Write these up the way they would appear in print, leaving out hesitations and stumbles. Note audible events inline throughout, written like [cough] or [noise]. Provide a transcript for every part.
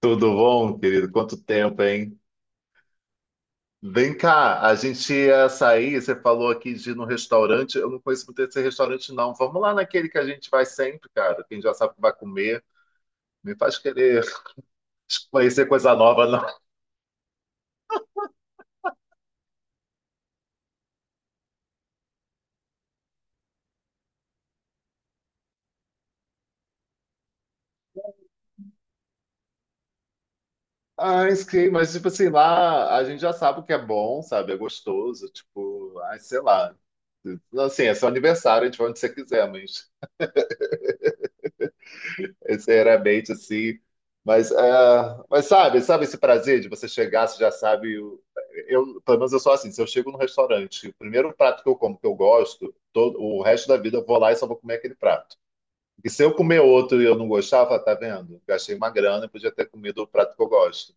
Tudo bom, querido? Quanto tempo, hein? Vem cá, a gente ia sair, você falou aqui de ir no restaurante. Eu não conheço muito esse restaurante, não. Vamos lá naquele que a gente vai sempre, cara. Quem já sabe o que vai comer. Me faz querer [laughs] conhecer coisa nova, não. Ah, sim, mas tipo assim, lá a gente já sabe o que é bom, sabe? É gostoso, tipo, ai, sei lá. Assim, é seu aniversário, a gente vai onde você quiser, mas sinceramente, assim. Mas, mas sabe esse prazer de você chegar, você já sabe. Eu, pelo menos eu sou assim, se eu chego no restaurante, o primeiro prato que eu como, que eu gosto, todo, o resto da vida eu vou lá e só vou comer aquele prato. E se eu comer outro e eu não gostava, tá vendo? Gastei uma grana e podia ter comido o prato que eu gosto.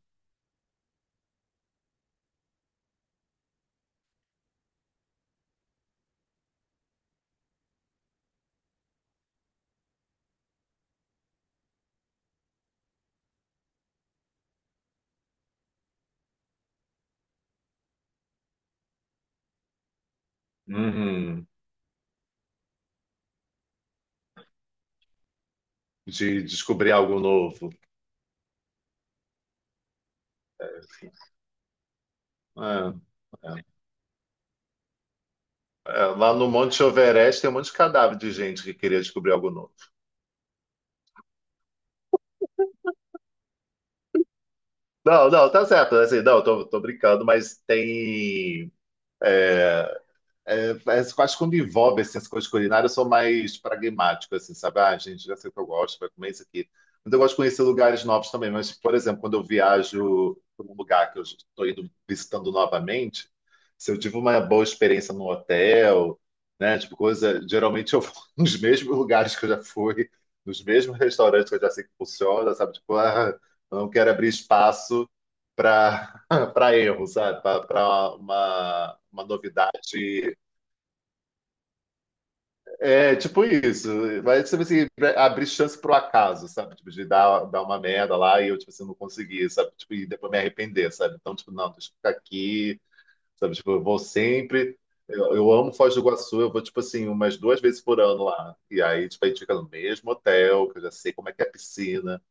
Uhum. De descobrir algo novo. É, é. É, lá no Monte Everest tem um monte de cadáver de gente que queria descobrir algo novo. Não, não, tá certo. Assim, não, tô brincando, mas tem. É, mas eu quando envolve assim, as coisas culinárias, eu sou mais pragmático, assim, sabe? Ah, gente, já sei o que eu gosto, vai comer isso aqui. Mas eu gosto de conhecer lugares novos também. Mas, por exemplo, quando eu viajo para um lugar que eu estou indo visitando novamente, se eu tive uma boa experiência no hotel, né? Tipo, coisa. Geralmente eu vou [laughs] nos mesmos lugares que eu já fui, nos mesmos restaurantes que eu já sei que funciona, sabe? Tipo, ah, eu não quero abrir espaço para [laughs] para erro, sabe? Para uma novidade é, tipo isso. Mas, tipo assim, abrir chance pro acaso, sabe? Tipo, de dar uma merda lá e eu, tipo assim, não conseguir, sabe? Tipo, e depois me arrepender, sabe? Então, tipo, não, deixa eu ficar aqui, sabe? Tipo, eu vou sempre... Eu amo Foz do Iguaçu, eu vou, tipo assim, umas 2 vezes por ano lá. E aí, tipo, a gente fica no mesmo hotel, que eu já sei como é que é a piscina.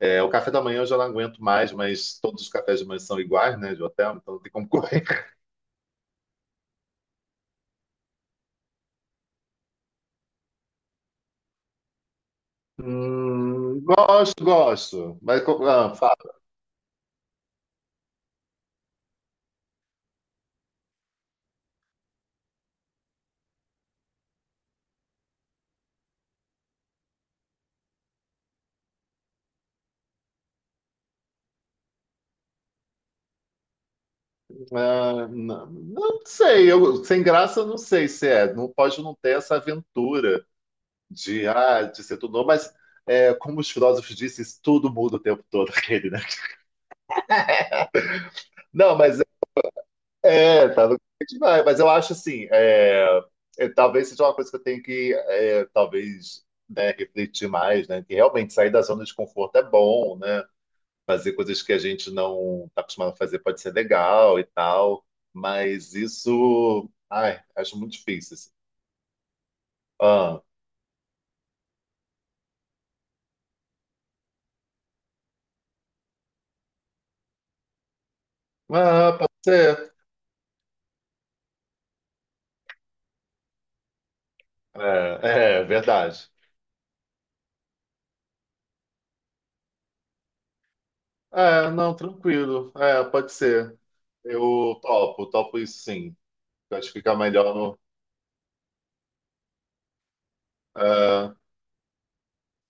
É, o café da manhã eu já não aguento mais, mas todos os cafés de manhã são iguais, né, de hotel, então não tem como correr. [laughs] Gosto, gosto. Ah, não, não sei, sem graça não sei se é. Não pode não ter essa aventura de ser tudo novo, mas como os filósofos dizem, isso tudo muda o tempo todo, [laughs] aquele, né? Não, mas tá no demais. Mas eu acho assim, talvez seja uma coisa que eu tenho que, talvez, né, refletir mais, né? Que realmente sair da zona de conforto é bom, né? Fazer coisas que a gente não está acostumado a fazer pode ser legal e tal, mas isso, ai, acho muito difícil, assim. Ah, ah, pode ser. É, é verdade. É, não, tranquilo. É, pode ser. Eu topo, topo isso sim. Eu acho que fica melhor no. é.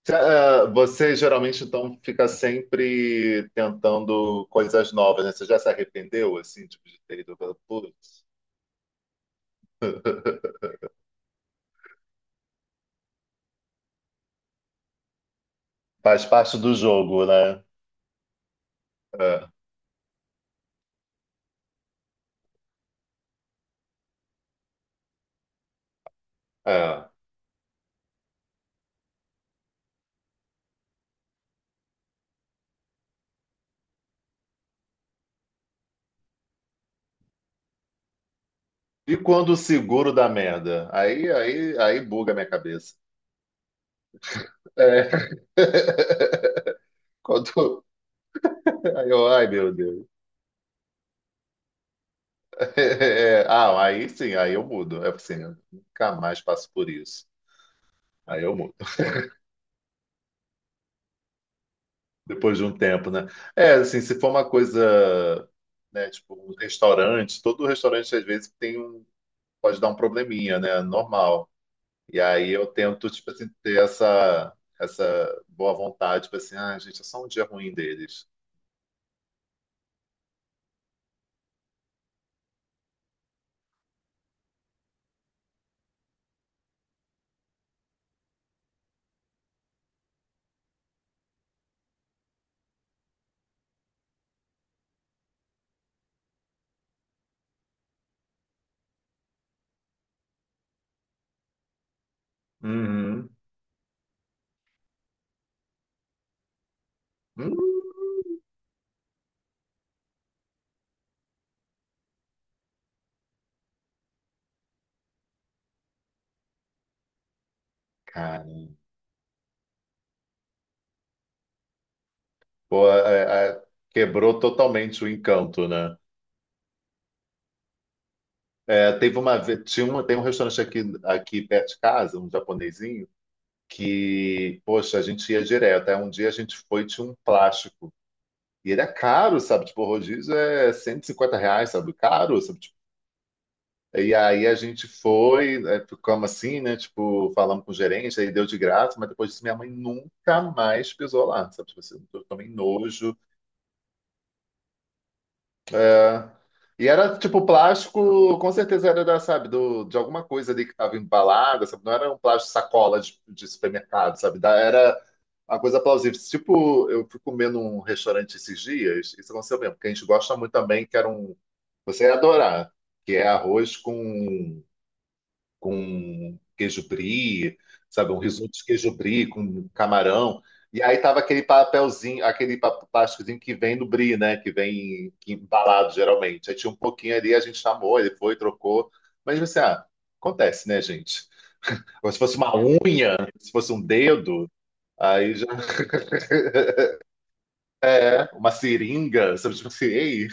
Você geralmente então fica sempre tentando coisas novas, né? Você já se arrependeu assim, tipo, de ter ido putz. Faz parte do jogo, né? É, é. E quando o seguro dá merda? Aí buga a minha cabeça. É. [laughs] Quando, aí eu, ai, meu Deus. [laughs] É, ah, aí sim, aí eu mudo. É assim, eu nunca mais passo por isso. Aí eu mudo. Depois de um tempo, né? É, assim, se for uma coisa, né, tipo, um restaurante, todo restaurante às vezes tem um, pode dar um probleminha, né? Normal. E aí eu tento, tipo assim, ter essa boa vontade, tipo assim, ah, gente, é só um dia ruim deles. Uhum. Hum, cara, pô, quebrou totalmente o encanto, né? É, teve uma, ve- tinha uma, tem um restaurante aqui perto de casa, um japonesinho, que, poxa, a gente ia direto. Aí um dia a gente foi e tinha um plástico. E ele é caro, sabe? Tipo, o rodízio é R$ 150, sabe? Caro, sabe? Tipo, e aí a gente foi, ficamos assim, né? Tipo, falamos com o gerente, aí deu de graça, mas depois disso minha mãe nunca mais pisou lá, sabe? Tipo assim, eu tomei nojo. É. E era tipo plástico, com certeza era da, sabe, do, de alguma coisa ali que estava embalada, sabe? Não era um plástico sacola de supermercado, sabe? Era uma coisa plausível. Tipo, eu fui comer num restaurante esses dias, isso aconteceu mesmo, porque a gente gosta muito também, que era um. Você ia adorar, que é arroz com queijo brie, sabe? Um risoto de queijo brie com camarão. E aí tava aquele papelzinho, aquele plásticozinho que vem no brie, né? Que vem que embalado geralmente. Aí tinha um pouquinho ali, a gente chamou, ele foi, trocou. Mas você, ah, acontece, né, gente? Agora, se fosse uma unha, se fosse um dedo, aí já é uma seringa, sabe? Tipo assim, ei.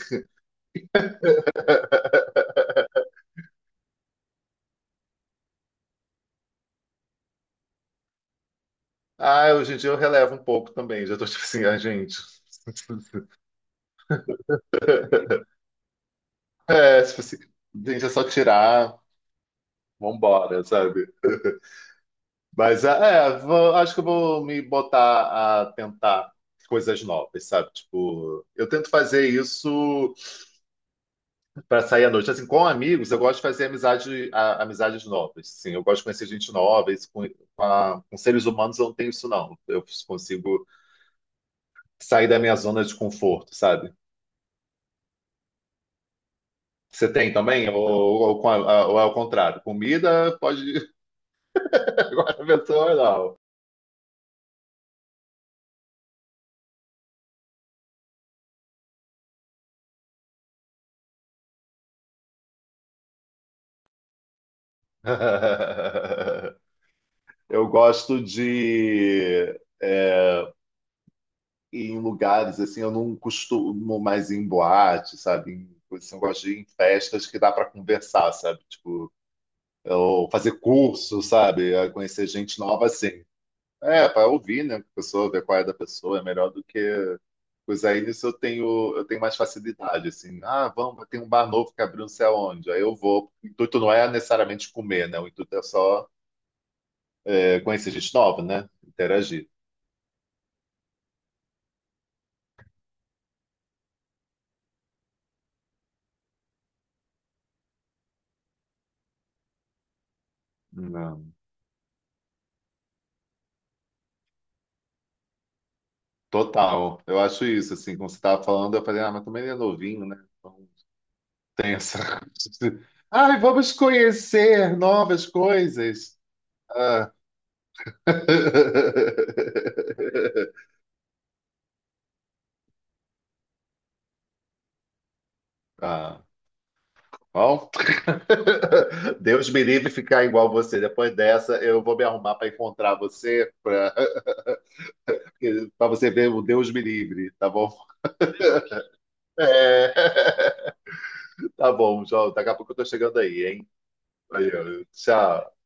Ah, hoje em dia eu relevo um pouco também. Já tô tipo assim, ah, gente. [laughs] É, tipo assim, gente, é só tirar, vambora, sabe? Mas acho que eu vou me botar a tentar coisas novas, sabe? Tipo, eu tento fazer isso para sair à noite. Assim, com amigos, eu gosto de fazer amizade, amizades novas. Sim, eu gosto de conhecer gente nova. Isso com seres humanos eu não tenho isso, não. Eu consigo sair da minha zona de conforto, sabe? Você tem também? Ou é o contrário? Comida pode ir. [laughs] Agora, a pessoa não. [laughs] Eu gosto de. Em lugares assim, eu não costumo mais ir em boate, sabe? Assim, eu gosto de ir em festas que dá para conversar, sabe? Tipo, ou fazer curso, sabe? Conhecer gente nova assim. É, para ouvir, né? A pessoa, ver qual é da pessoa, é melhor do que. Pois aí nisso eu tenho mais facilidade, assim. Ah, vamos, tem um bar novo que abriu não sei aonde. Aí eu vou. O intuito não é necessariamente comer, né? O intuito é só conhecer gente nova, né? Interagir. Não. Total, eu acho isso, assim, como você estava falando, eu falei, ah, mas também ele é novinho, né? Então tem essa [laughs] coisa de, ai, vamos conhecer novas coisas. Ah. [laughs] Ah, bom, [laughs] Deus me livre ficar igual você. Depois dessa, eu vou me arrumar para encontrar você, para [laughs] você ver o Deus me livre, tá bom? É. [laughs] Tá bom, João, daqui a pouco eu tô chegando aí, hein? Valeu, tchau.